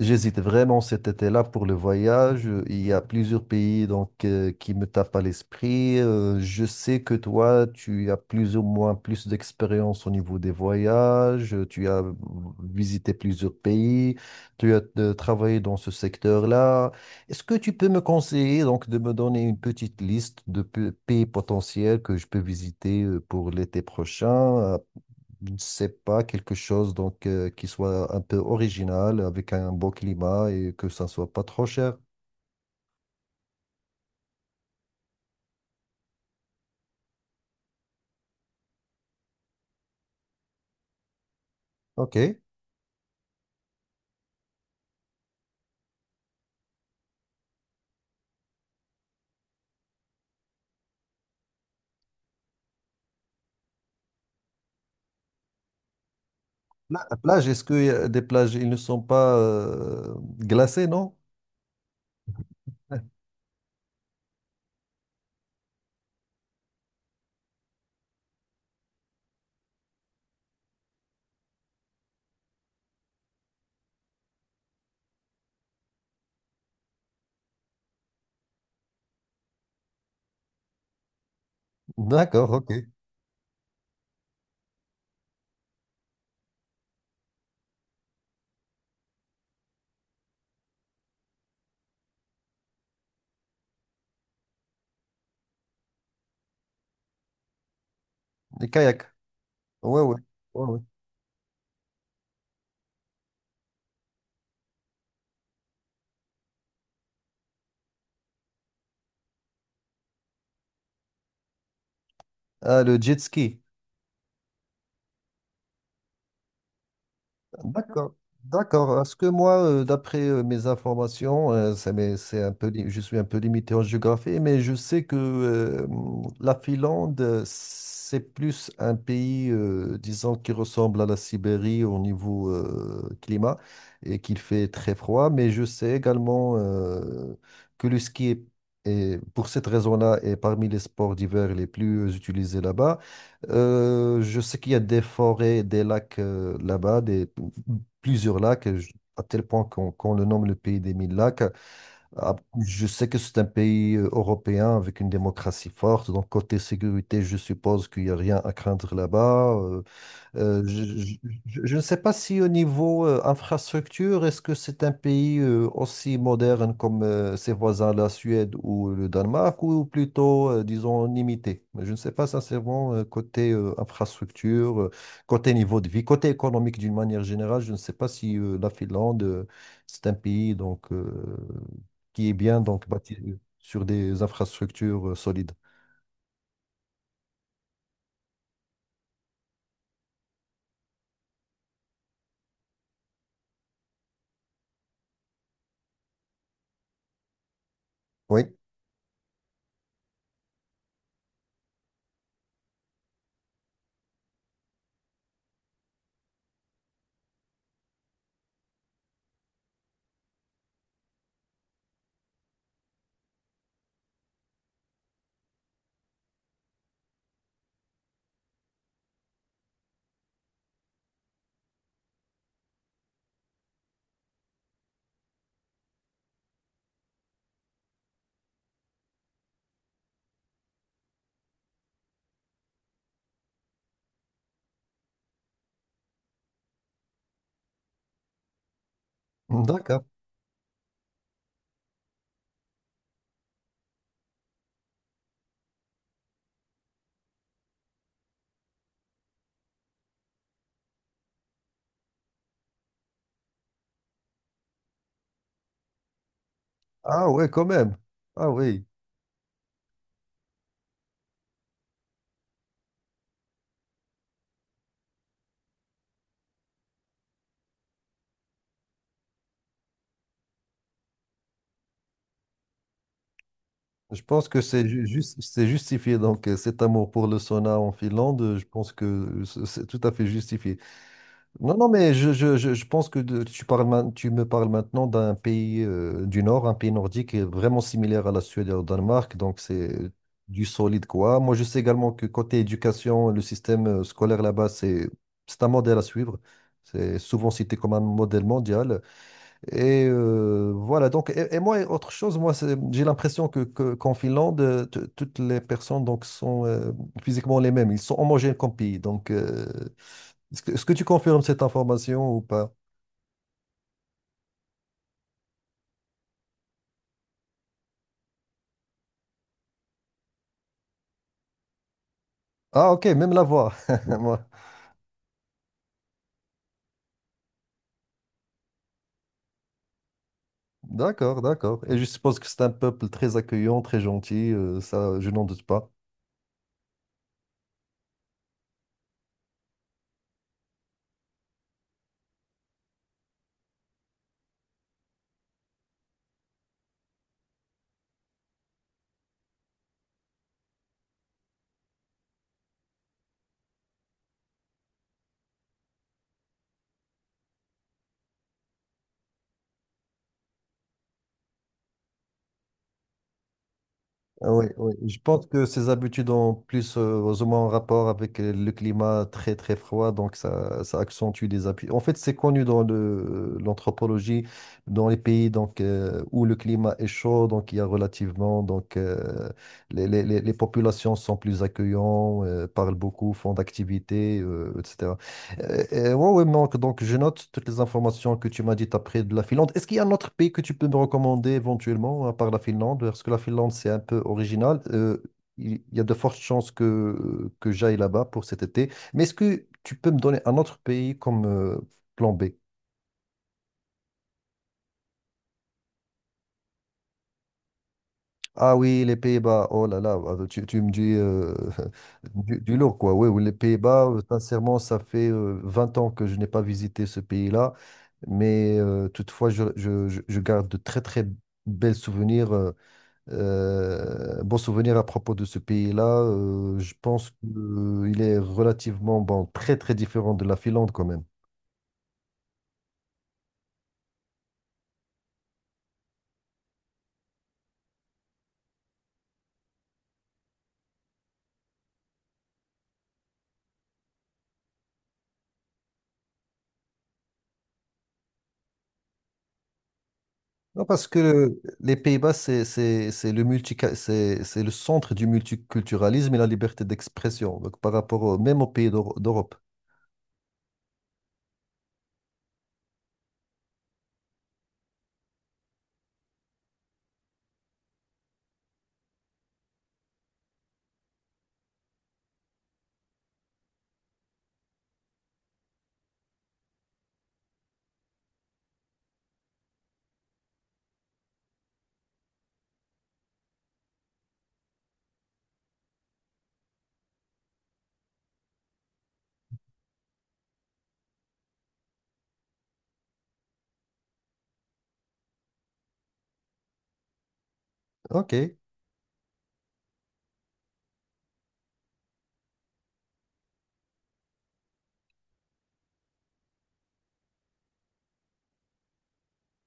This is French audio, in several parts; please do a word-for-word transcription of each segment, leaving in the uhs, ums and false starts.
J'hésite vraiment cet été-là pour le voyage. Euh, Il y a plusieurs pays donc euh, qui me tapent à l'esprit. Euh, je sais que toi, tu as plus ou moins plus d'expérience au niveau des voyages. Euh, Tu as visité plusieurs pays. Tu as euh, travaillé dans ce secteur-là. Est-ce que tu peux me conseiller donc de me donner une petite liste de pe- pays potentiels que je peux visiter euh, pour l'été prochain? euh, je ne sais pas, quelque chose donc euh, qui soit un peu original, avec un beau climat et que ça ne soit pas trop cher. OK. La la plage, est-ce que y a des plages, ils ne sont pas euh, glacés, non? D'accord, OK. Les kayaks. Ouais, ouais. Ouais, ouais. Ah, le jet ski. D'accord, d'accord. Parce que moi, euh, d'après euh, mes informations, euh, ça m'est- c'est un peu, li- je suis un peu limité en géographie, mais je sais que euh, la Finlande, euh, c'est plus un pays, euh, disons, qui ressemble à la Sibérie au niveau euh, climat et qu'il fait très froid. Mais je sais également euh, que le ski est, est- pour cette raison-là, est parmi les sports d'hiver les plus euh, utilisés là-bas. Euh, je sais qu'il y a des forêts, des lacs euh, là-bas, des, plusieurs lacs, je- à tel point qu'on qu'on le nomme le pays des mille lacs. Ah, Je sais que c'est un pays euh, européen avec une démocratie forte, donc côté sécurité, je suppose qu'il n'y a rien à craindre là-bas. euh, euh, je ne sais pas si au niveau euh, infrastructure, est-ce que c'est un pays euh, aussi moderne comme euh, ses voisins, la Suède ou le Danemark, ou plutôt, euh, disons, limité. Mais je ne sais pas sincèrement euh, côté euh, infrastructure, euh, côté niveau de vie, côté économique d'une manière générale. Je ne sais pas si euh, la Finlande, euh, c'est un pays donc, euh, qui est bien donc, bâti sur des infrastructures euh, solides. Oui, d'accord. Ah ouais, quand même. Ah oui. Je pense que c'est ju- juste, c'est justifié. Donc, euh, cet amour pour le sauna en Finlande, euh, je pense que c- c'est tout à fait justifié. Non, non, mais je, je, je, je pense que de- tu parles, main- tu me parles maintenant d'un pays euh, du Nord, un pays nordique qui est vraiment similaire à la Suède et au Danemark. Donc, c'est du solide, quoi. Moi, je sais également que côté éducation, le système euh, scolaire là-bas, c'est, c'est un modèle à suivre. C'est souvent cité comme un modèle mondial. Et euh, voilà, donc, et, et moi, et autre chose, moi, c'est- j'ai l'impression que, que- qu'en Finlande, euh, t- toutes les personnes donc, sont euh, physiquement les mêmes. Ils sont homogènes comme pays. Donc, euh, est-ce que, est-ce que tu confirmes cette information ou pas? Ah, ok, même la voix. Moi. D'accord, d'accord. Et je suppose que c'est un peuple très accueillant, très gentil, euh, ça, je n'en doute pas. Ah oui, oui. Je pense que ces habitudes ont plus euh, ou moins en rapport avec euh, le climat très très froid, donc ça, ça accentue les appuis. En fait, c'est connu dans le, l'anthropologie, dans les pays donc, euh, où le climat est chaud, donc il y a relativement, donc euh, les, les, les les populations sont plus accueillantes, euh, parlent beaucoup, font d'activités, euh, et cetera. Euh, euh, ouais, ouais, manque. Donc je note toutes les informations que tu m'as dites après de la Finlande. Est-ce qu'il y a un autre pays que tu peux me recommander éventuellement, à part la Finlande? Parce que la Finlande, c'est un peu original. Euh, il il y a de fortes chances que, que j'aille là-bas pour cet été. Mais est-ce que tu peux me donner un autre pays comme euh, plan B? Ah oui, les Pays-Bas, oh là là, ah, tu, tu me dis euh, du, du lourd, quoi. Oui, oui, les Pays-Bas, euh, sincèrement, ça fait euh, vingt ans que je n'ai pas visité ce pays-là, mais euh, toutefois, je, je- je- je garde de très, très belles souvenirs, euh, euh, bons souvenirs à propos de ce pays-là. Euh, je pense qu'il est relativement, bon, très, très différent de la Finlande quand même. Non, parce que les Pays-Bas, c'est c'est- c'est le multi, c'est c'est le centre du multiculturalisme et la liberté d'expression, donc par rapport au- même aux pays d'Euro- d'Europe. OK,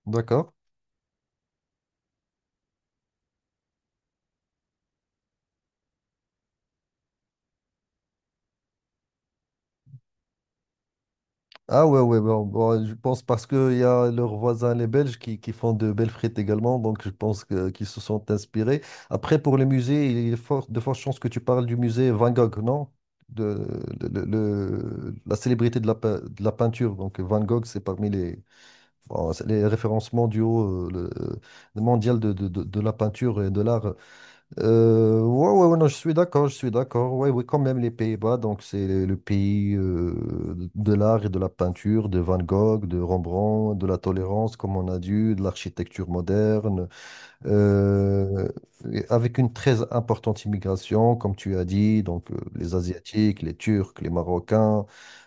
d'accord. Ah ouais, ouais, bon, bon, je pense parce qu'il y a leurs voisins, les Belges, qui, qui font de belles frites également, donc je pense que, qu'ils se sont inspirés. Après, pour le musée, il est fort, de fortes chances que tu parles du musée Van Gogh, non? De, le, le- le- la célébrité de la, pe- de la peinture, donc Van Gogh, c'est parmi les. Bon, c'est les références mondiaux, euh, le- le mondial de, de, de- de la peinture et de l'art. Euh, ouais, ouais, ouais, non, je suis d'accord, je suis d'accord. Ouais, oui, quand même, les Pays-Bas, donc c'est le, le pays euh, de l'art et de la peinture, de Van Gogh, de Rembrandt, de la tolérance, comme on a dit, de l'architecture moderne euh, et avec une très importante immigration, comme tu as dit, donc euh, les Asiatiques, les Turcs, les Marocains.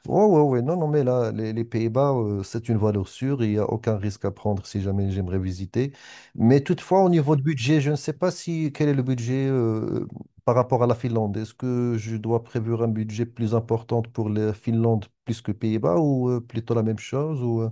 Ouais, ouais, ouais. Non, non, mais là, les, les Pays-Bas, euh, c'est une valeur sûre, il n'y a aucun risque à prendre si jamais j'aimerais visiter. Mais toutefois, au niveau de budget, je ne sais pas si quel est le budget euh, par rapport à la Finlande. Est-ce que je dois prévoir un budget plus important pour la Finlande plus que Pays-Bas ou euh, plutôt la même chose ou, euh,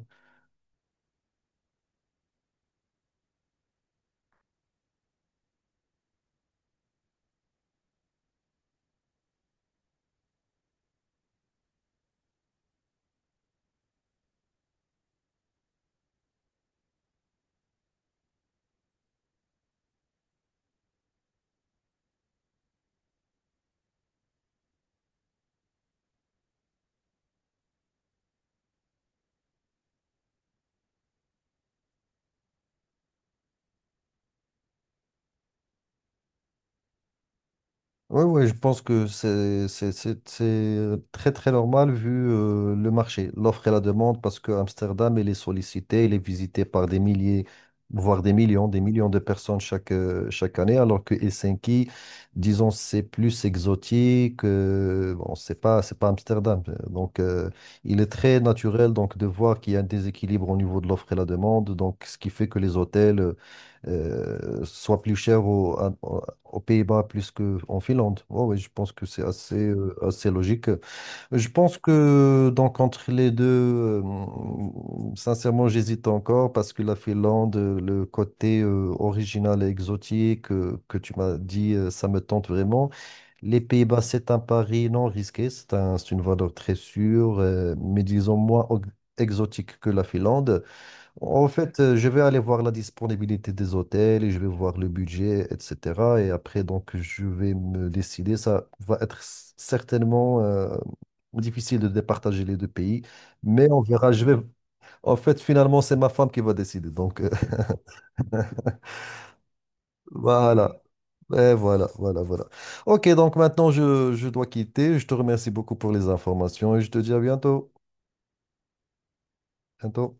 Oui, oui, je pense que c'est c'est- c'est- c'est très très normal vu euh, le marché, l'offre et la demande, parce que Amsterdam, il est sollicité, il est visité par des milliers, voire des millions, des millions de personnes chaque, euh, chaque année, alors que Helsinki, disons, c'est plus exotique, euh, bon, c'est pas, c'est pas Amsterdam. euh, Donc, euh, il est très naturel donc, de voir qu'il y a un déséquilibre au niveau de l'offre et la demande, donc, ce qui fait que les hôtels euh, soient plus chers au, à- aux Pays-Bas plus qu'en Finlande. Ouais, ouais, je pense que c'est assez, euh, assez logique. Je pense que donc entre les deux, euh, sincèrement, j'hésite encore parce que la Finlande, euh, le côté euh, original et exotique euh, que tu m'as dit, euh, ça me tente vraiment. Les Pays-Bas, c'est un pari non risqué, c'est un, c'est une valeur très sûre, euh, mais disons moins ex- exotique que la Finlande. En fait, euh, je vais aller voir la disponibilité des hôtels et je vais voir le budget, et cetera. Et après, donc, je vais me décider. Ça va être s- certainement euh, difficile de départager les deux pays, mais on verra. Je vais... En fait, finalement, c'est ma femme qui va décider. Donc, euh, voilà. Et voilà, voilà, voilà. OK, donc maintenant, je, je dois quitter. Je te remercie beaucoup pour les informations et je te dis à bientôt. Bientôt.